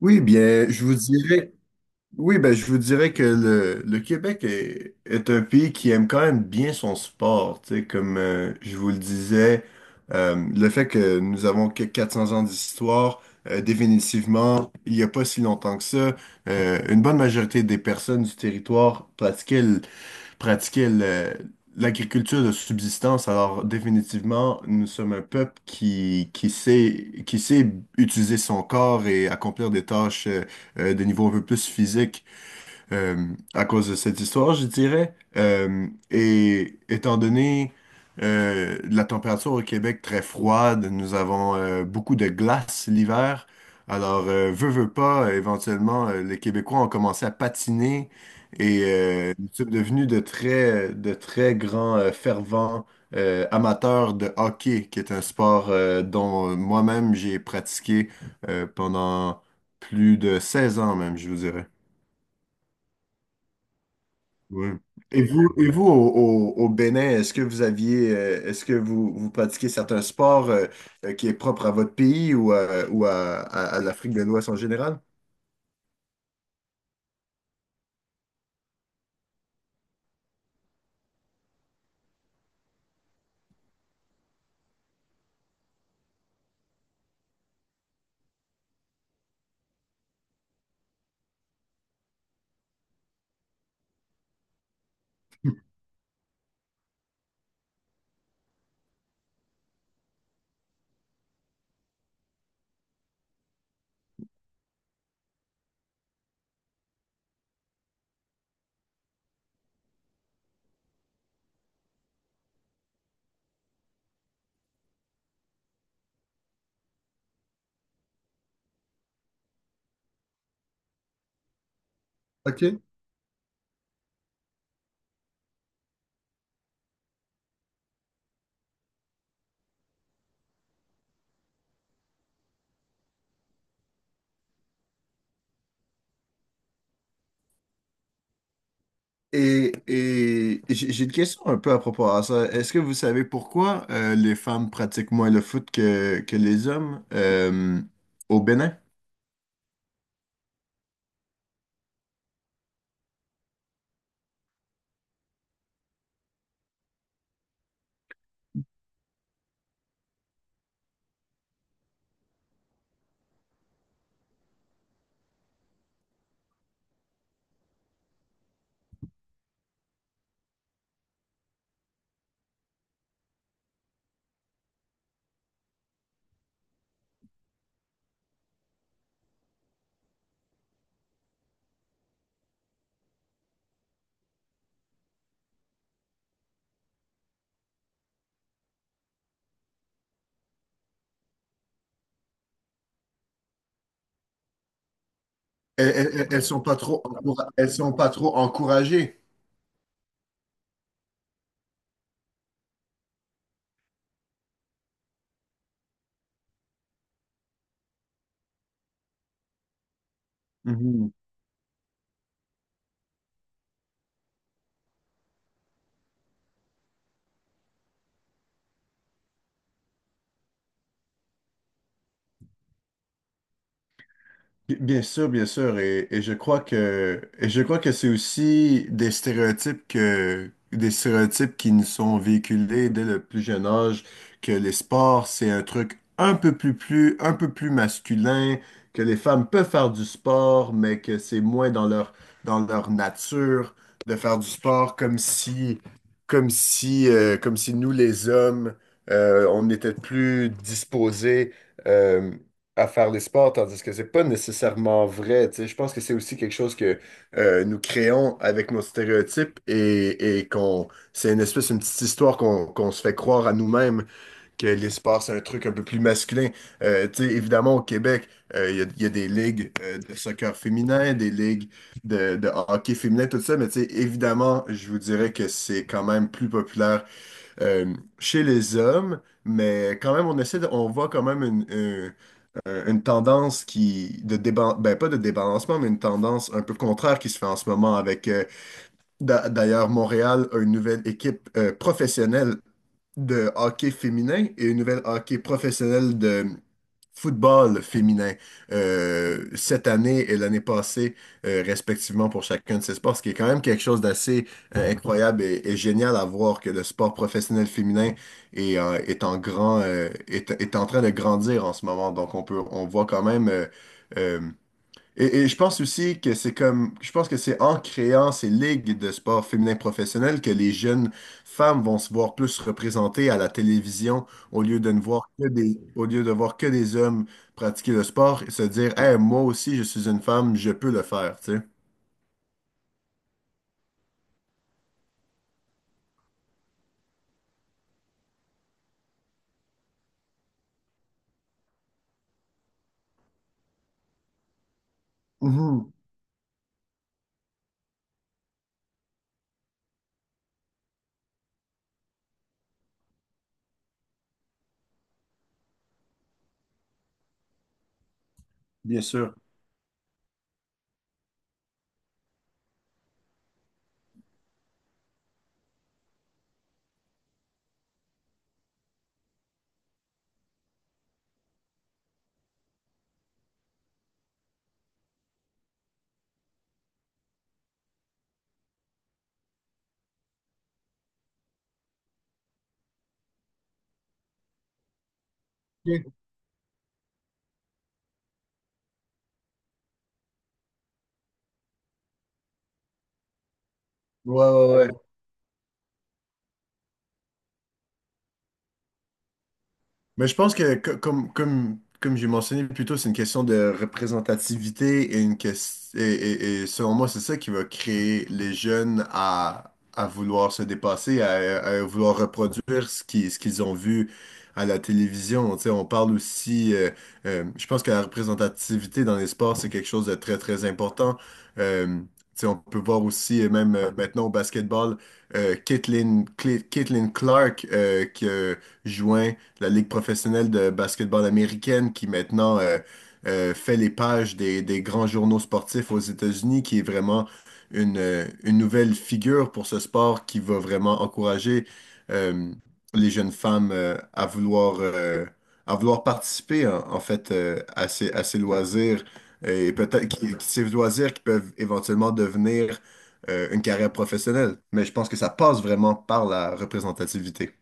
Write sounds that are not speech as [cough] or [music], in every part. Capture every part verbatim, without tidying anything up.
Oui, bien, je vous dirais, oui, ben, je vous dirais que le, le Québec est, est un pays qui aime quand même bien son sport. Tu sais, comme euh, je vous le disais, euh, le fait que nous avons que 400 ans d'histoire, euh, définitivement, il n'y a pas si longtemps que ça, euh, une bonne majorité des personnes du territoire pratiquaient le, pratiquaient le- l'agriculture de subsistance. Alors, définitivement, nous sommes un peuple qui, qui sait, qui sait utiliser son corps et accomplir des tâches euh, euh, de niveau un peu plus physique euh, à cause de cette histoire, je dirais. Euh, et étant donné euh, la température au Québec très froide, nous avons euh, beaucoup de glace l'hiver. Alors, euh, veux, veux pas, euh, éventuellement, euh, les Québécois ont commencé à patiner et euh, nous sommes devenus de très, de très grands euh, fervents euh, amateurs de hockey, qui est un sport euh, dont moi-même j'ai pratiqué euh, pendant plus de seize ans même, je vous dirais. Ouais. Et vous, et vous au, au- au Bénin, est-ce que vous aviez, euh, est-ce que vous, vous pratiquez certains sports euh, euh, qui est propre à votre pays ou à, ou à, à- à l'Afrique de l'Ouest en général? OK. Et, et j'ai j'ai une question un peu à propos de ça. Est-ce que vous savez pourquoi euh, les femmes pratiquent moins le foot que, que les hommes euh, au Bénin? Elles, elles, elles sont pas trop encoura- elles sont pas trop encouragées. Bien sûr, bien sûr, et, et je crois que et je crois que c'est aussi des stéréotypes que des stéréotypes qui nous sont véhiculés dès le plus jeune âge, que les sports, c'est un truc un peu plus plus un peu plus masculin, que les femmes peuvent faire du sport, mais que c'est moins dans leur dans leur nature de faire du sport, comme si comme si euh, comme si nous les hommes euh, on était plus disposés, euh, à faire les sports, tandis que c'est pas nécessairement vrai. Tu sais. Je pense que c'est aussi quelque chose que euh, nous créons avec nos stéréotypes et, et qu'on c'est une espèce, une petite histoire qu'on qu'on se fait croire à nous-mêmes que les sports, c'est un truc un peu plus masculin. Euh, tu sais, évidemment, au Québec, euh, il y a, il y a des ligues euh, de soccer féminin, des ligues de, de hockey féminin, tout ça, mais tu sais, évidemment, je vous dirais que c'est quand même plus populaire euh, chez les hommes. Mais quand même, on essaie de- on voit quand même une, euh, une tendance qui, de déban- ben, pas de débalancement, mais une tendance un peu contraire qui se fait en ce moment avec, euh, d'a- d'ailleurs, Montréal a une nouvelle équipe euh, professionnelle de hockey féminin et une nouvelle hockey professionnelle de football féminin euh, cette année et l'année passée, euh, respectivement, pour chacun de ces sports, ce qui est quand même quelque chose d'assez euh, incroyable et, et génial à voir que le sport professionnel féminin est, euh, est en grand, euh, est, est en train de grandir en ce moment. Donc, on peut, on voit quand même. euh, euh, et, et je pense aussi que c'est comme, je pense que c'est en créant ces ligues de sport féminin professionnel que les jeunes femmes vont se voir plus représentées à la télévision au lieu de ne voir que des, au lieu de voir que des hommes pratiquer le sport et se dire, Hey, moi aussi, je suis une femme, je peux le faire, tu sais. Mhm, bien sûr. Ok. Ouais, ouais, ouais. Mais je pense que, co- comme, comme, comme j'ai mentionné plus tôt, c'est une question de représentativité et une question, et, et- et selon moi, c'est ça qui va créer les jeunes à, à vouloir se dépasser, à, à vouloir reproduire ce qui, ce qu'ils ont vu à la télévision. Tu sais, on parle aussi, euh, euh, je pense que la représentativité dans les sports, c'est quelque chose de très, très important. Euh, Tu sais, on peut voir aussi, et même euh, maintenant au basketball, euh, Caitlin, Caitlin Clark euh, qui a joint la Ligue professionnelle de basketball américaine qui maintenant euh, euh, fait les pages des, des grands journaux sportifs aux États-Unis, qui est vraiment une, euh, une nouvelle figure pour ce sport qui va vraiment encourager euh, les jeunes femmes euh, à vouloir, euh, à vouloir participer en, en fait euh, à ces, à ces loisirs et peut-être qui- ces loisirs qui peuvent éventuellement devenir euh, une carrière professionnelle. Mais je pense que ça passe vraiment par la représentativité.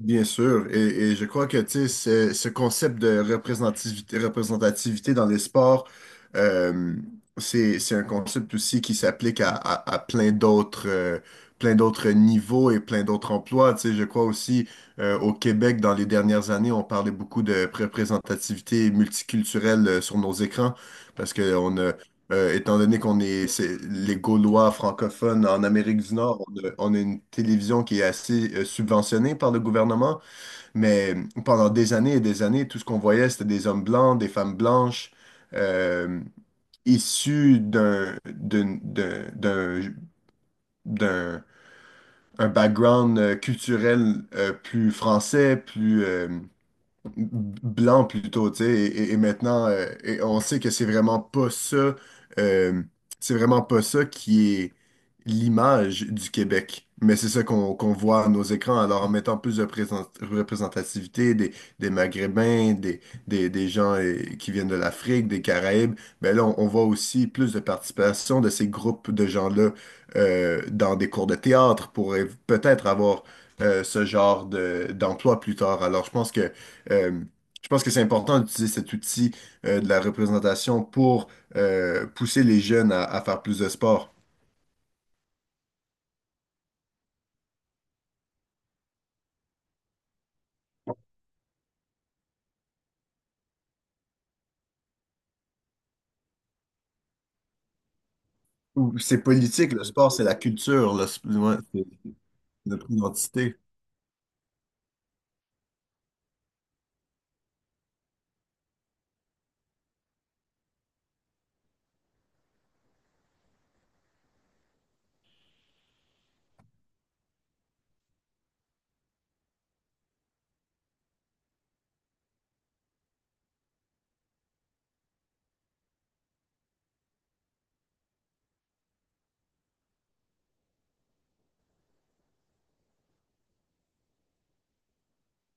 Bien sûr, et, et je crois que tu sais, ce, ce concept de représentativité, représentativité dans les sports, euh, c'est, c'est un concept aussi qui s'applique à, à- à plein d'autres euh, plein d'autres niveaux et plein d'autres emplois. Tu sais, je crois aussi euh, au Québec, dans les dernières années, on parlait beaucoup de représentativité multiculturelle euh, sur nos écrans parce qu'on euh, étant donné qu'on est, c'est- les Gaulois francophones en Amérique du Nord, on a, on a une télévision qui est assez euh, subventionnée par le gouvernement, mais pendant des années et des années, tout ce qu'on voyait, c'était des hommes blancs, des femmes blanches, euh, issus d'un d'un d'un d'un d'un- un background euh, culturel euh, plus français, plus euh, blanc plutôt, tu sais, et, et- et maintenant, euh, et on sait que c'est vraiment pas ça, euh, c'est vraiment pas ça qui est l'image du Québec, mais c'est ça qu'on qu'on voit à nos écrans. Alors, en mettant plus de présent- représentativité des, des Maghrébins, des, des, des gens euh, qui viennent de l'Afrique, des Caraïbes, ben là, on, on voit aussi plus de participation de ces groupes de gens-là euh, dans des cours de théâtre pour euh, peut-être avoir euh, ce genre de, d'emploi plus tard. Alors, je pense que euh, je pense que c'est important d'utiliser cet outil euh, de la représentation pour euh, pousser les jeunes à, à faire plus de sport. Ou c'est politique, le sport, c'est la culture, le sp- ouais, c'est notre identité.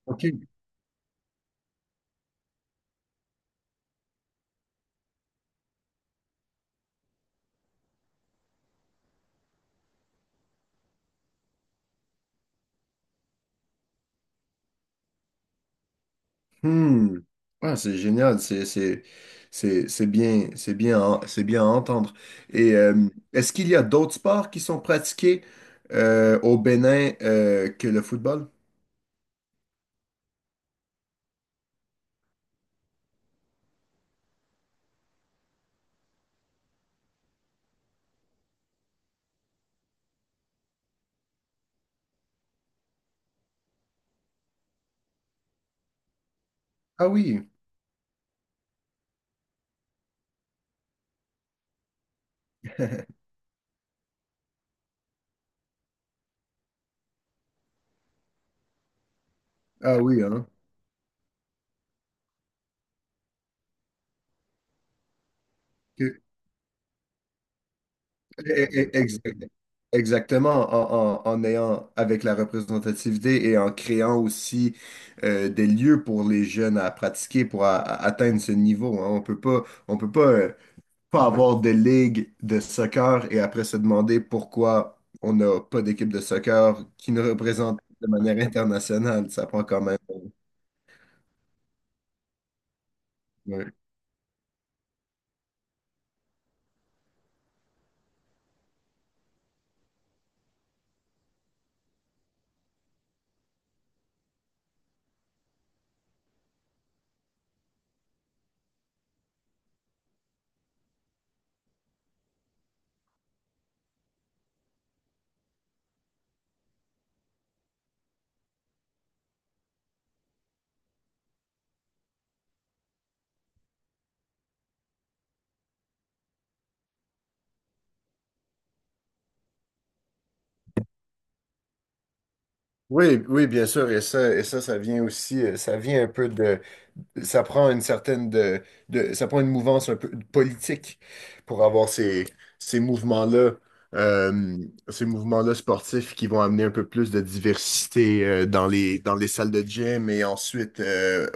OK. Hmm. Ah, c'est génial, c'est c'est- c'est- c'est bien, c'est bien, à- c'est bien à entendre. Et euh, est-ce qu'il y a d'autres sports qui sont pratiqués euh, au Bénin euh, que le football? Ah oui, [laughs] ah oui, hein. Ok. Eh, eh, exact- Exactement, en, en- en ayant avec la représentativité et en créant aussi euh, des lieux pour les jeunes à pratiquer, pour a- a- atteindre ce niveau. Hein. On peut pas, on peut pas, euh, pas avoir de ligue de soccer et après se demander pourquoi on n'a pas d'équipe de soccer qui nous représente de manière [laughs] internationale. Ça prend quand même, euh, ouais. Oui, oui, bien sûr, et ça, et ça, ça vient aussi, euh, ça vient un peu de, ça prend une certaine de, de- ça prend une mouvance un peu politique pour avoir ces, ces mouvements-là, euh, ces mouvements-là sportifs qui vont amener un peu plus de diversité euh, dans les, dans les salles de gym et ensuite euh,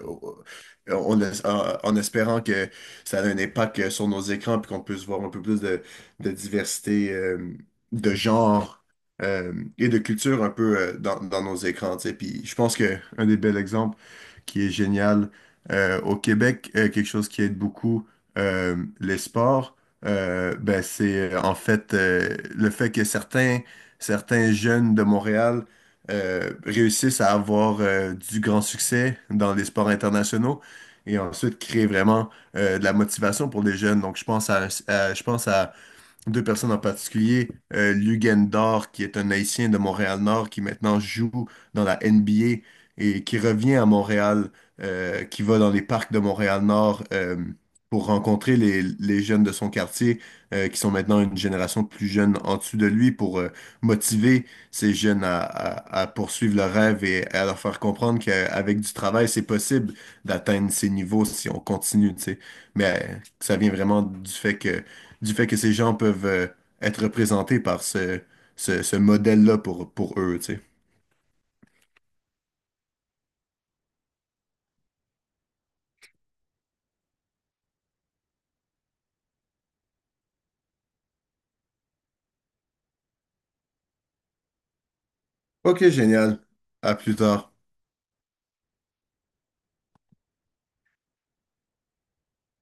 on- en, en espérant que ça a un impact sur nos écrans puis qu'on puisse voir un peu plus de, de diversité euh, de genre, euh, et de culture un peu euh, dans, dans nos écrans, tu sais. Puis je pense qu'un des bels exemples qui est génial. Euh, au Québec, euh, quelque chose qui aide beaucoup euh, les sports, euh, ben, c'est euh, en fait euh, le fait que certains, certains jeunes de Montréal euh, réussissent à avoir euh, du grand succès dans les sports internationaux et ensuite créer vraiment euh, de la motivation pour les jeunes. Donc, je pense à, à- je pense à deux personnes en particulier, euh, Lugendorf, qui est un Haïtien de Montréal-Nord, qui maintenant joue dans la N B A et qui revient à Montréal, euh, qui va dans les parcs de Montréal-Nord euh, pour rencontrer les, les jeunes de son quartier, euh, qui sont maintenant une génération plus jeune en dessous de lui, pour euh, motiver ces jeunes à, à- à poursuivre leur rêve et à leur faire comprendre qu'avec du travail, c'est possible d'atteindre ces niveaux si on continue, tu sais. Mais euh, ça vient vraiment du fait que du fait que ces gens peuvent euh, être représentés par ce, ce, ce modèle-là pour, pour eux, tu sais. Ok, génial. À plus tard.